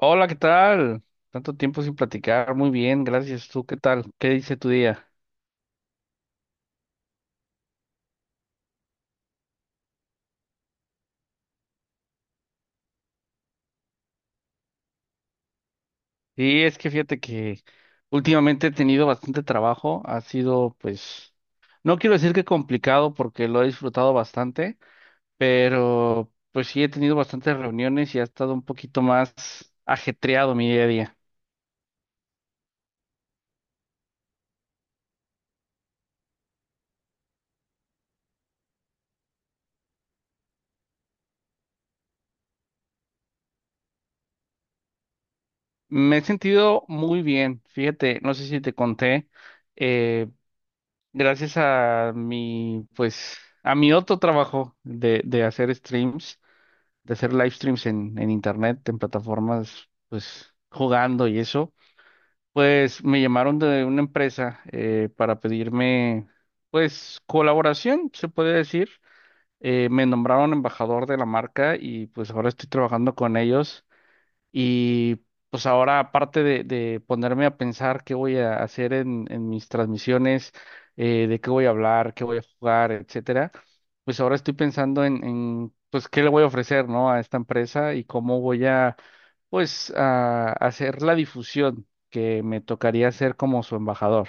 Hola, ¿qué tal? Tanto tiempo sin platicar. Muy bien, gracias. ¿Tú qué tal? ¿Qué dice tu día? Sí, es que fíjate que últimamente he tenido bastante trabajo. Ha sido, pues, no quiero decir que complicado porque lo he disfrutado bastante, pero pues sí he tenido bastantes reuniones y ha estado un poquito más ajetreado mi día a día. Me he sentido muy bien. Fíjate, no sé si te conté, eh, gracias a mi, pues, a mi otro trabajo de hacer streams. De hacer live streams en internet, en plataformas, pues jugando y eso, pues me llamaron de una empresa para pedirme, pues, colaboración, se puede decir. Me nombraron embajador de la marca y pues ahora estoy trabajando con ellos. Y pues ahora, aparte de ponerme a pensar qué voy a hacer en mis transmisiones, de qué voy a hablar, qué voy a jugar, etcétera, pues ahora estoy pensando en pues qué le voy a ofrecer, ¿no? A esta empresa y cómo voy a, pues, a hacer la difusión que me tocaría hacer como su embajador.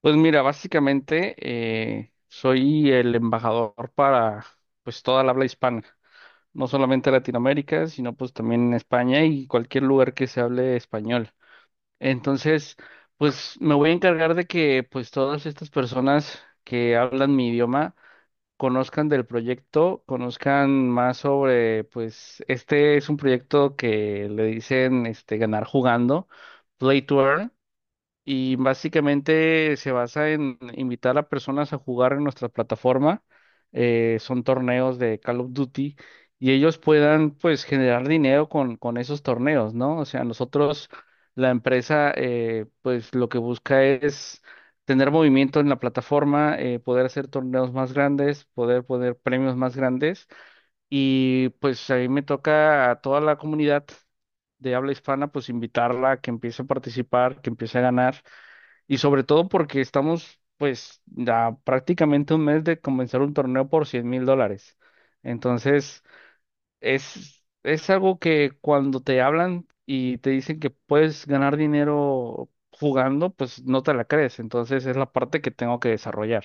Pues mira, básicamente soy el embajador para, pues, toda la habla hispana. No solamente Latinoamérica, sino pues también en España y cualquier lugar que se hable español. Entonces, pues me voy a encargar de que pues todas estas personas que hablan mi idioma conozcan del proyecto, conozcan más sobre pues este es un proyecto que le dicen este ganar jugando, Play to Earn, y básicamente se basa en invitar a personas a jugar en nuestra plataforma. Son torneos de Call of Duty y ellos puedan pues generar dinero con esos torneos, ¿no? O sea, nosotros, la empresa, pues lo que busca es tener movimiento en la plataforma, poder hacer torneos más grandes, poder poner premios más grandes y pues a mí me toca a toda la comunidad de habla hispana, pues invitarla a que empiece a participar, que empiece a ganar. Y sobre todo porque estamos pues a prácticamente un mes de comenzar un torneo por $100,000. Entonces, es algo que cuando te hablan y te dicen que puedes ganar dinero jugando, pues no te la crees. Entonces, es la parte que tengo que desarrollar.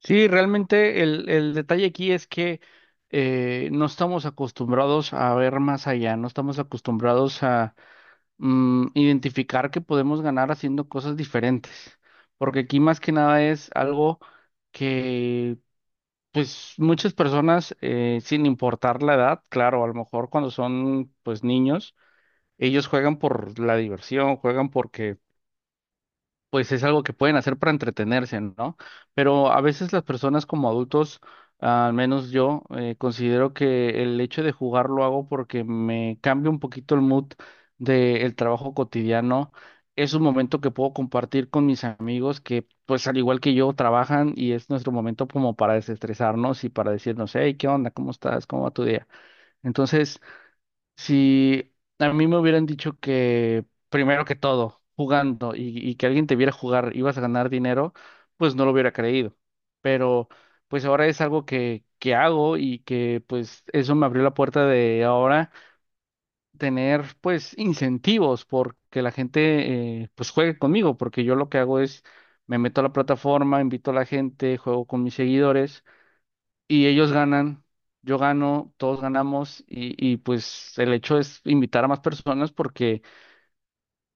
Sí, realmente el detalle aquí es que no estamos acostumbrados a ver más allá, no estamos acostumbrados a identificar que podemos ganar haciendo cosas diferentes, porque aquí más que nada es algo que pues muchas personas, sin importar la edad, claro, a lo mejor cuando son pues niños, ellos juegan por la diversión, juegan porque pues es algo que pueden hacer para entretenerse, ¿no? Pero a veces las personas como adultos, al menos yo, considero que el hecho de jugar lo hago porque me cambia un poquito el mood del trabajo cotidiano. Es un momento que puedo compartir con mis amigos que, pues al igual que yo, trabajan y es nuestro momento como para desestresarnos y para decirnos, hey, ¿qué onda? ¿Cómo estás? ¿Cómo va tu día? Entonces, si a mí me hubieran dicho que, primero que todo, jugando y que alguien te viera jugar, ibas a ganar dinero, pues no lo hubiera creído. Pero pues ahora es algo que hago y que pues eso me abrió la puerta de ahora tener pues incentivos porque la gente pues juegue conmigo, porque yo lo que hago es me meto a la plataforma, invito a la gente, juego con mis seguidores y ellos ganan, yo gano, todos ganamos y pues el hecho es invitar a más personas porque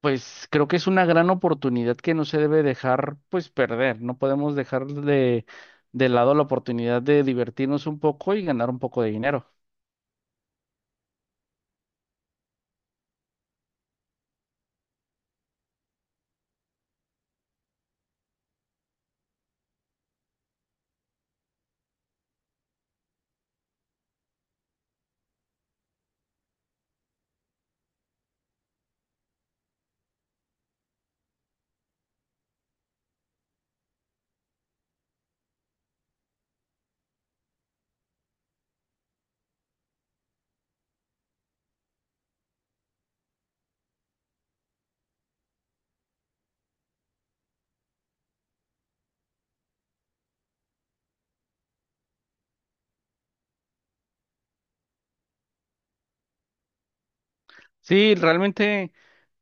pues creo que es una gran oportunidad que no se debe dejar pues perder, no podemos dejar de lado la oportunidad de divertirnos un poco y ganar un poco de dinero. Sí, realmente,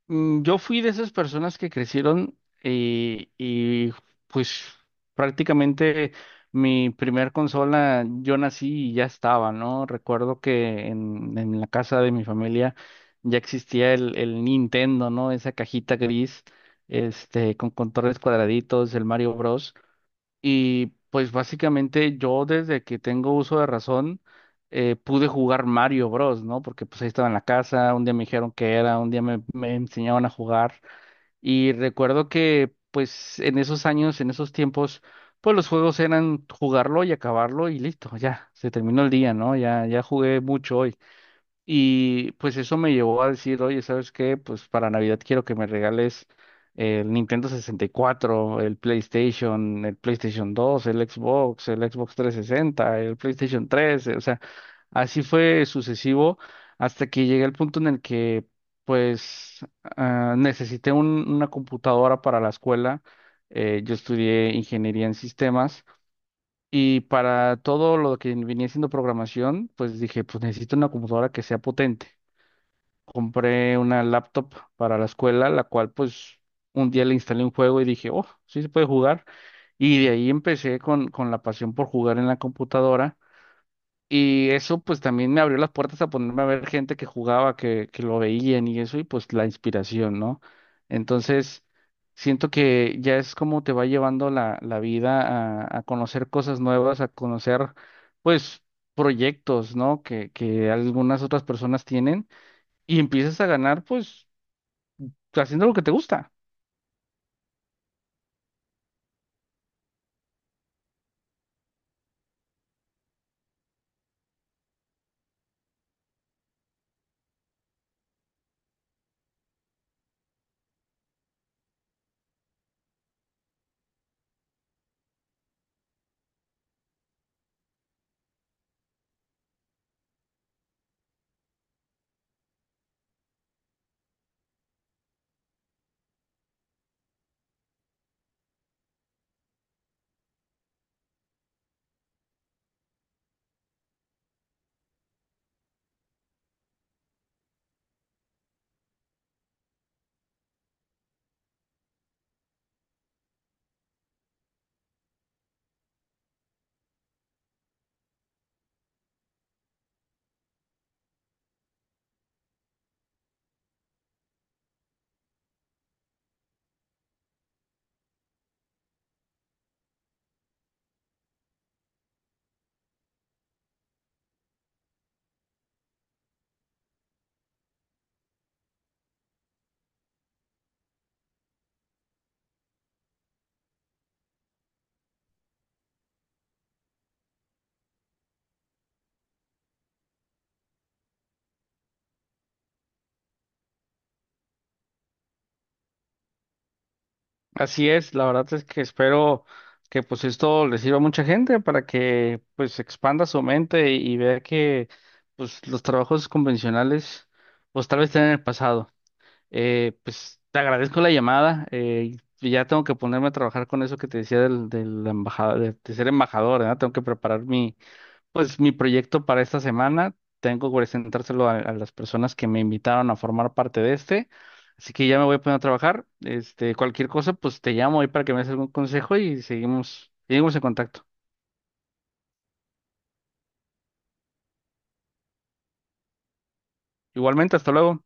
Yo fui de esas personas que crecieron y pues prácticamente mi primer consola yo nací y ya estaba, ¿no? Recuerdo que en la casa de mi familia ya existía el Nintendo, ¿no? Esa cajita gris, este, con controles cuadraditos, el Mario Bros. Y pues básicamente yo desde que tengo uso de razón pude jugar Mario Bros, ¿no? Porque pues ahí estaba en la casa, un día me dijeron que era, un día me, me enseñaban a jugar. Y recuerdo que pues en esos años, en esos tiempos, pues los juegos eran jugarlo y acabarlo y listo, ya, se terminó el día, ¿no? Ya, ya jugué mucho hoy. Y pues eso me llevó a decir, oye, ¿sabes qué? Pues para Navidad quiero que me regales el Nintendo 64, el PlayStation 2, el Xbox 360, el PlayStation 3. O sea, así fue sucesivo hasta que llegué al punto en el que pues necesité una computadora para la escuela. Yo estudié ingeniería en sistemas. Y para todo lo que venía siendo programación, pues dije, pues necesito una computadora que sea potente. Compré una laptop para la escuela, la cual pues un día le instalé un juego y dije, oh, sí se puede jugar. Y de ahí empecé con la pasión por jugar en la computadora. Y eso pues también me abrió las puertas a ponerme a ver gente que jugaba, que lo veían y eso, y pues la inspiración, ¿no? Entonces, siento que ya es como te va llevando la, la vida a conocer cosas nuevas, a conocer pues proyectos, ¿no? Que algunas otras personas tienen y empiezas a ganar, pues, haciendo lo que te gusta. Así es, la verdad es que espero que pues esto le sirva a mucha gente para que pues expanda su mente y vea que pues los trabajos convencionales pues tal vez estén en el pasado. Pues te agradezco la llamada, y ya tengo que ponerme a trabajar con eso que te decía de la embajada, de ser embajador, ¿verdad? Tengo que preparar mi proyecto para esta semana, tengo que presentárselo a las personas que me invitaron a formar parte de este, así que ya me voy a poner a trabajar. Este, cualquier cosa, pues te llamo ahí para que me des algún consejo y seguimos, seguimos en contacto. Igualmente, hasta luego.